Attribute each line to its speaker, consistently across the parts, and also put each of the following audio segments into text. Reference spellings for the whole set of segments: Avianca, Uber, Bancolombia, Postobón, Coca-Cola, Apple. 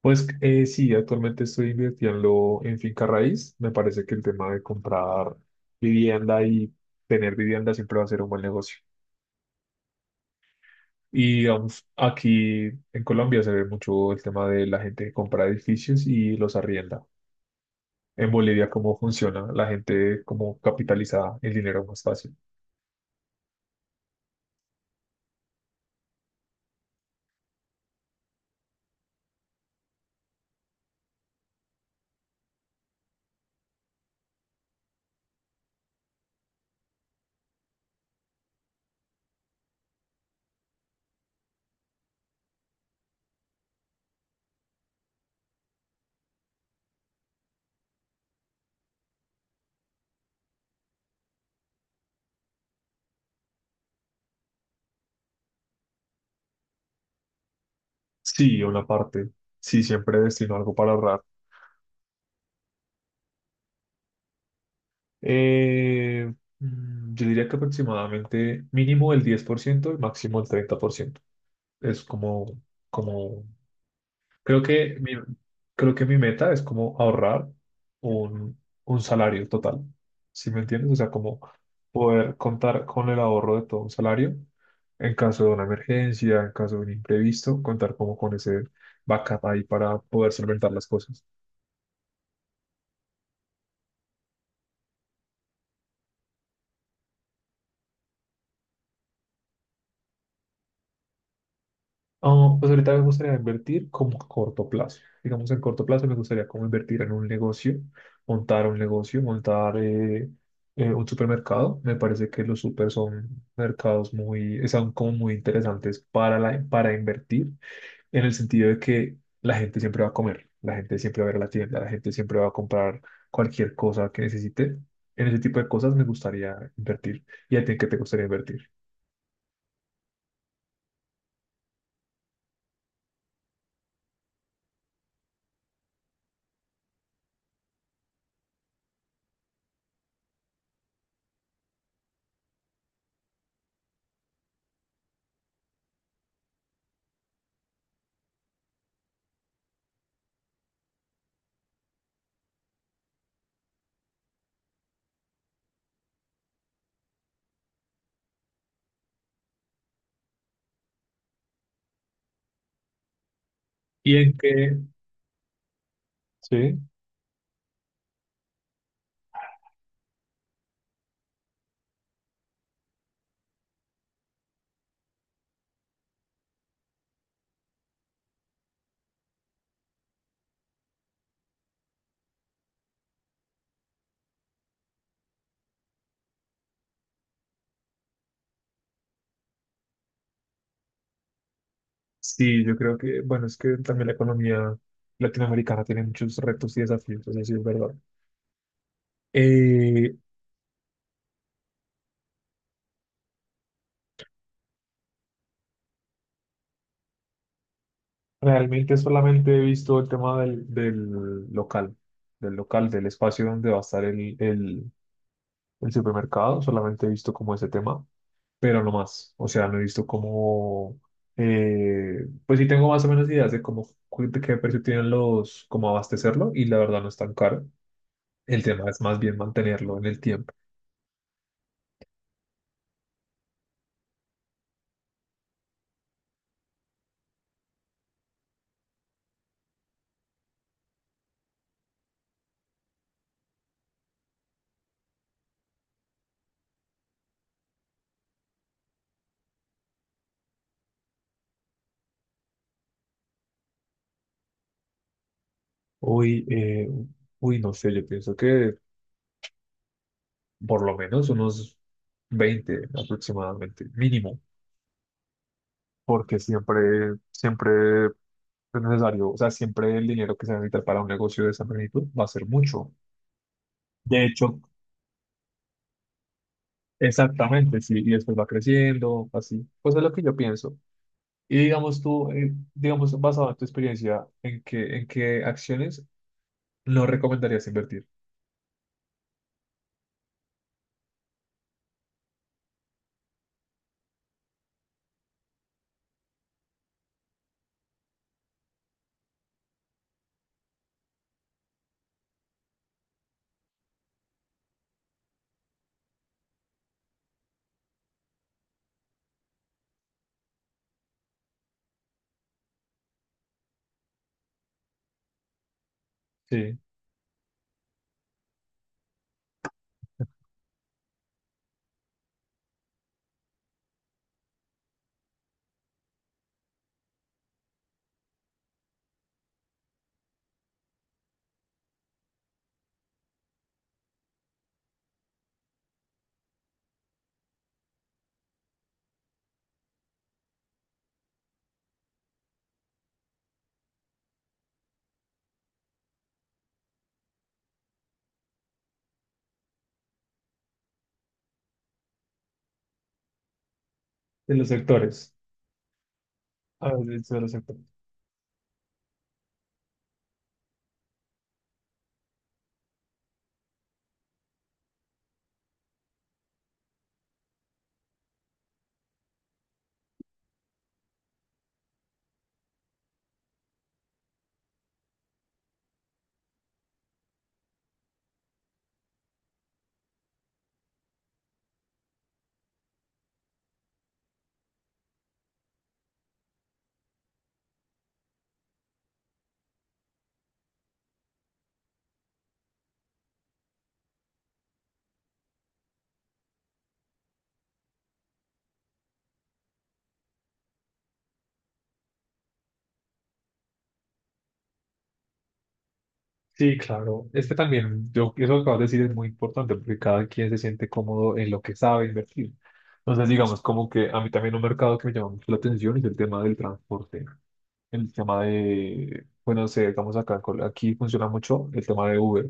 Speaker 1: Pues sí, actualmente estoy invirtiendo en finca raíz. Me parece que el tema de comprar vivienda y tener vivienda siempre va a ser un buen negocio. Y digamos, aquí en Colombia se ve mucho el tema de la gente que compra edificios y los arrienda. En Bolivia, ¿cómo funciona? La gente como capitaliza el dinero más fácil. Sí, una parte. Sí, siempre destino algo para ahorrar. Eh, yo diría que aproximadamente mínimo el 10% y máximo el 30%. Es como, como, creo que mi, creo que mi meta es como ahorrar un, un salario total. ¿Sí me entiendes? O sea, como poder contar con el ahorro de todo un salario en caso de una emergencia, en caso de un imprevisto, contar como con ese backup ahí para poder solventar las cosas. Ah, pues ahorita me gustaría invertir como a corto plazo. Digamos, en corto plazo me gustaría como invertir en un negocio, montar un negocio, montar un supermercado. Me parece que los super son mercados muy, son como muy interesantes para, la, para invertir, en el sentido de que la gente siempre va a comer, la gente siempre va a ir a la tienda, la gente siempre va a comprar cualquier cosa que necesite. En ese tipo de cosas me gustaría invertir. ¿Y a ti en qué te gustaría invertir? ¿Y en qué? Sí. Sí, yo creo que, bueno, es que también la economía latinoamericana tiene muchos retos y desafíos, eso sí es verdad. Eh, realmente solamente he visto el tema del local, del local, del espacio donde va a estar el supermercado, solamente he visto como ese tema, pero no más. O sea, no he visto como, pues sí tengo más o menos ideas de cómo, cu- de qué precio tienen los, cómo abastecerlo y la verdad no es tan caro. El tema es más bien mantenerlo en el tiempo. Uy, eh, uy, no sé, yo pienso que por lo menos unos 20 aproximadamente, mínimo, porque siempre, siempre es necesario. O sea, siempre el dinero que se necesita para un negocio de esa magnitud va a ser mucho. De hecho, exactamente, sí, y después va creciendo, así. Pues es lo que yo pienso. Y digamos tú, digamos, basado en tu experiencia, ¿ en qué acciones no recomendarías invertir? Sí, en los sectores. A ver, de los sectores. Sí, claro. Es que también, yo, eso que acabas de decir es muy importante porque cada quien se siente cómodo en lo que sabe invertir. Entonces, digamos, como que a mí también un mercado que me llama mucho la atención es el tema del transporte. El tema de, bueno, no sé, digamos acá, en Col- aquí funciona mucho el tema de Uber.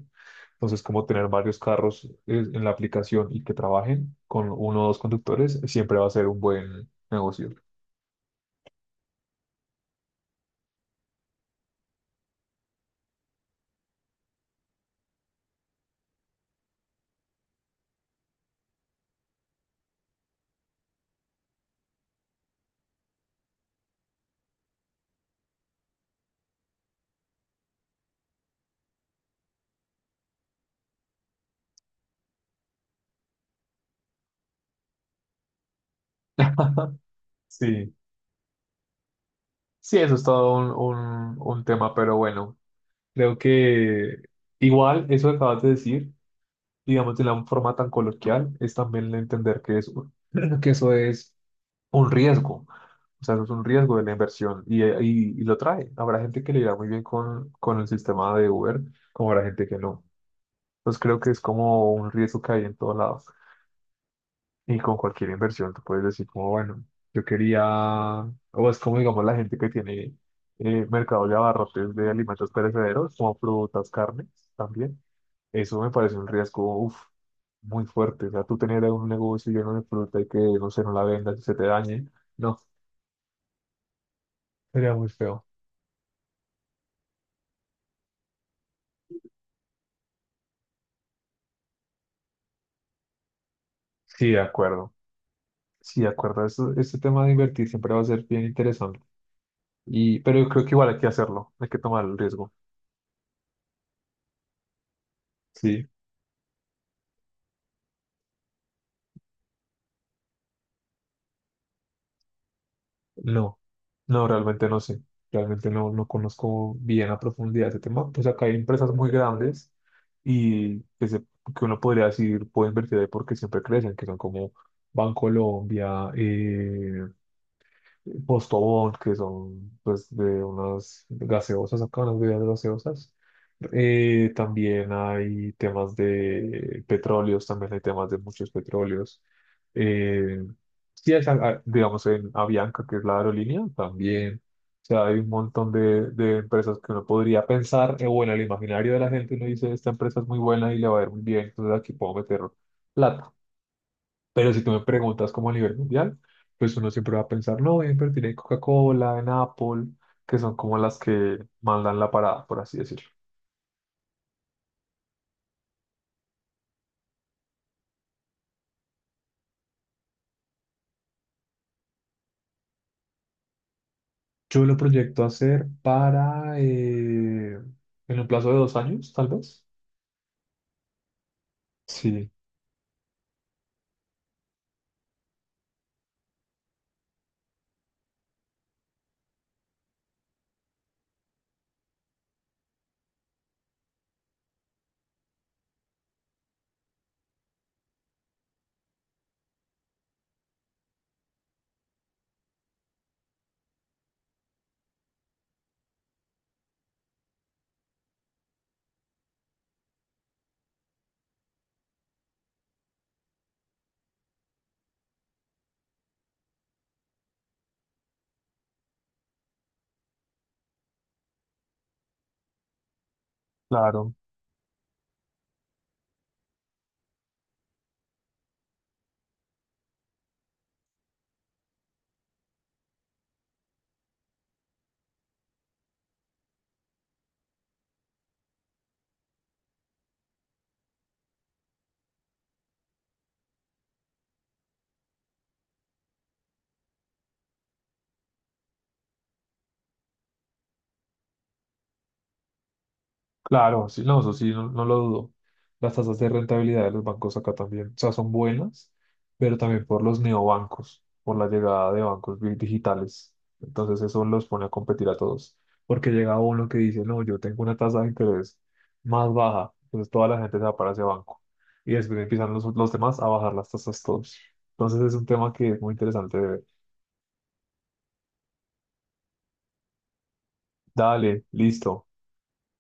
Speaker 1: Entonces, como tener varios carros en la aplicación y que trabajen con uno o dos conductores, siempre va a ser un buen negocio. Sí, sí, eso es todo un tema, pero bueno. Creo que igual eso que acabas de decir, digamos de la forma tan coloquial, es también entender que eso, que eso es un riesgo. O sea, eso es un riesgo de la inversión y lo trae. Habrá gente que le irá muy bien con el sistema de Uber, como habrá gente que no. Entonces creo que es como un riesgo que hay en todos lados. Y con cualquier inversión tú puedes decir como, bueno, yo quería, o es como digamos la gente que tiene mercado de abarrotes de alimentos perecederos, como frutas, carnes también. Eso me parece un riesgo, uf, muy fuerte. O sea, tú tener un negocio lleno de fruta y que, no sé, no la vendas y se te dañe. No, sería muy feo. Sí, de acuerdo. Sí, de acuerdo. Eso, este tema de invertir siempre va a ser bien interesante. Y, pero yo creo que igual hay que hacerlo. Hay que tomar el riesgo. Sí. No, no, realmente no sé. Realmente no, no conozco bien a profundidad ese tema. Pues acá hay empresas muy grandes y que uno podría decir puede invertir ahí porque siempre crecen, que son como Bancolombia, Postobón, que son pues de unas gaseosas acá, unas bebidas gaseosas. También hay temas de petróleos, también hay temas de muchos petróleos. Eh, sí, hay, ah, digamos, en Avianca, que es la aerolínea, también. O sea, hay un montón de empresas que uno podría pensar, bueno, el imaginario de la gente uno dice, esta empresa es muy buena y le va a ir muy bien, entonces aquí puedo meter plata. Pero si tú me preguntas como a nivel mundial, pues uno siempre va a pensar, no, voy a invertir en Coca-Cola, en Apple, que son como las que mandan la parada, por así decirlo. Yo lo proyecto hacer para, en un plazo de 2 años, tal vez. Sí, claro. Claro, sí, no, eso sí, no, no lo dudo. Las tasas de rentabilidad de los bancos acá también, o sea, son buenas, pero también por los neobancos, por la llegada de bancos bi- digitales. Entonces eso los pone a competir a todos, porque llega uno que dice, no, yo tengo una tasa de interés más baja, entonces toda la gente se va para ese banco. Y después empiezan los demás a bajar las tasas todos. Entonces es un tema que es muy interesante de ver. Dale, listo.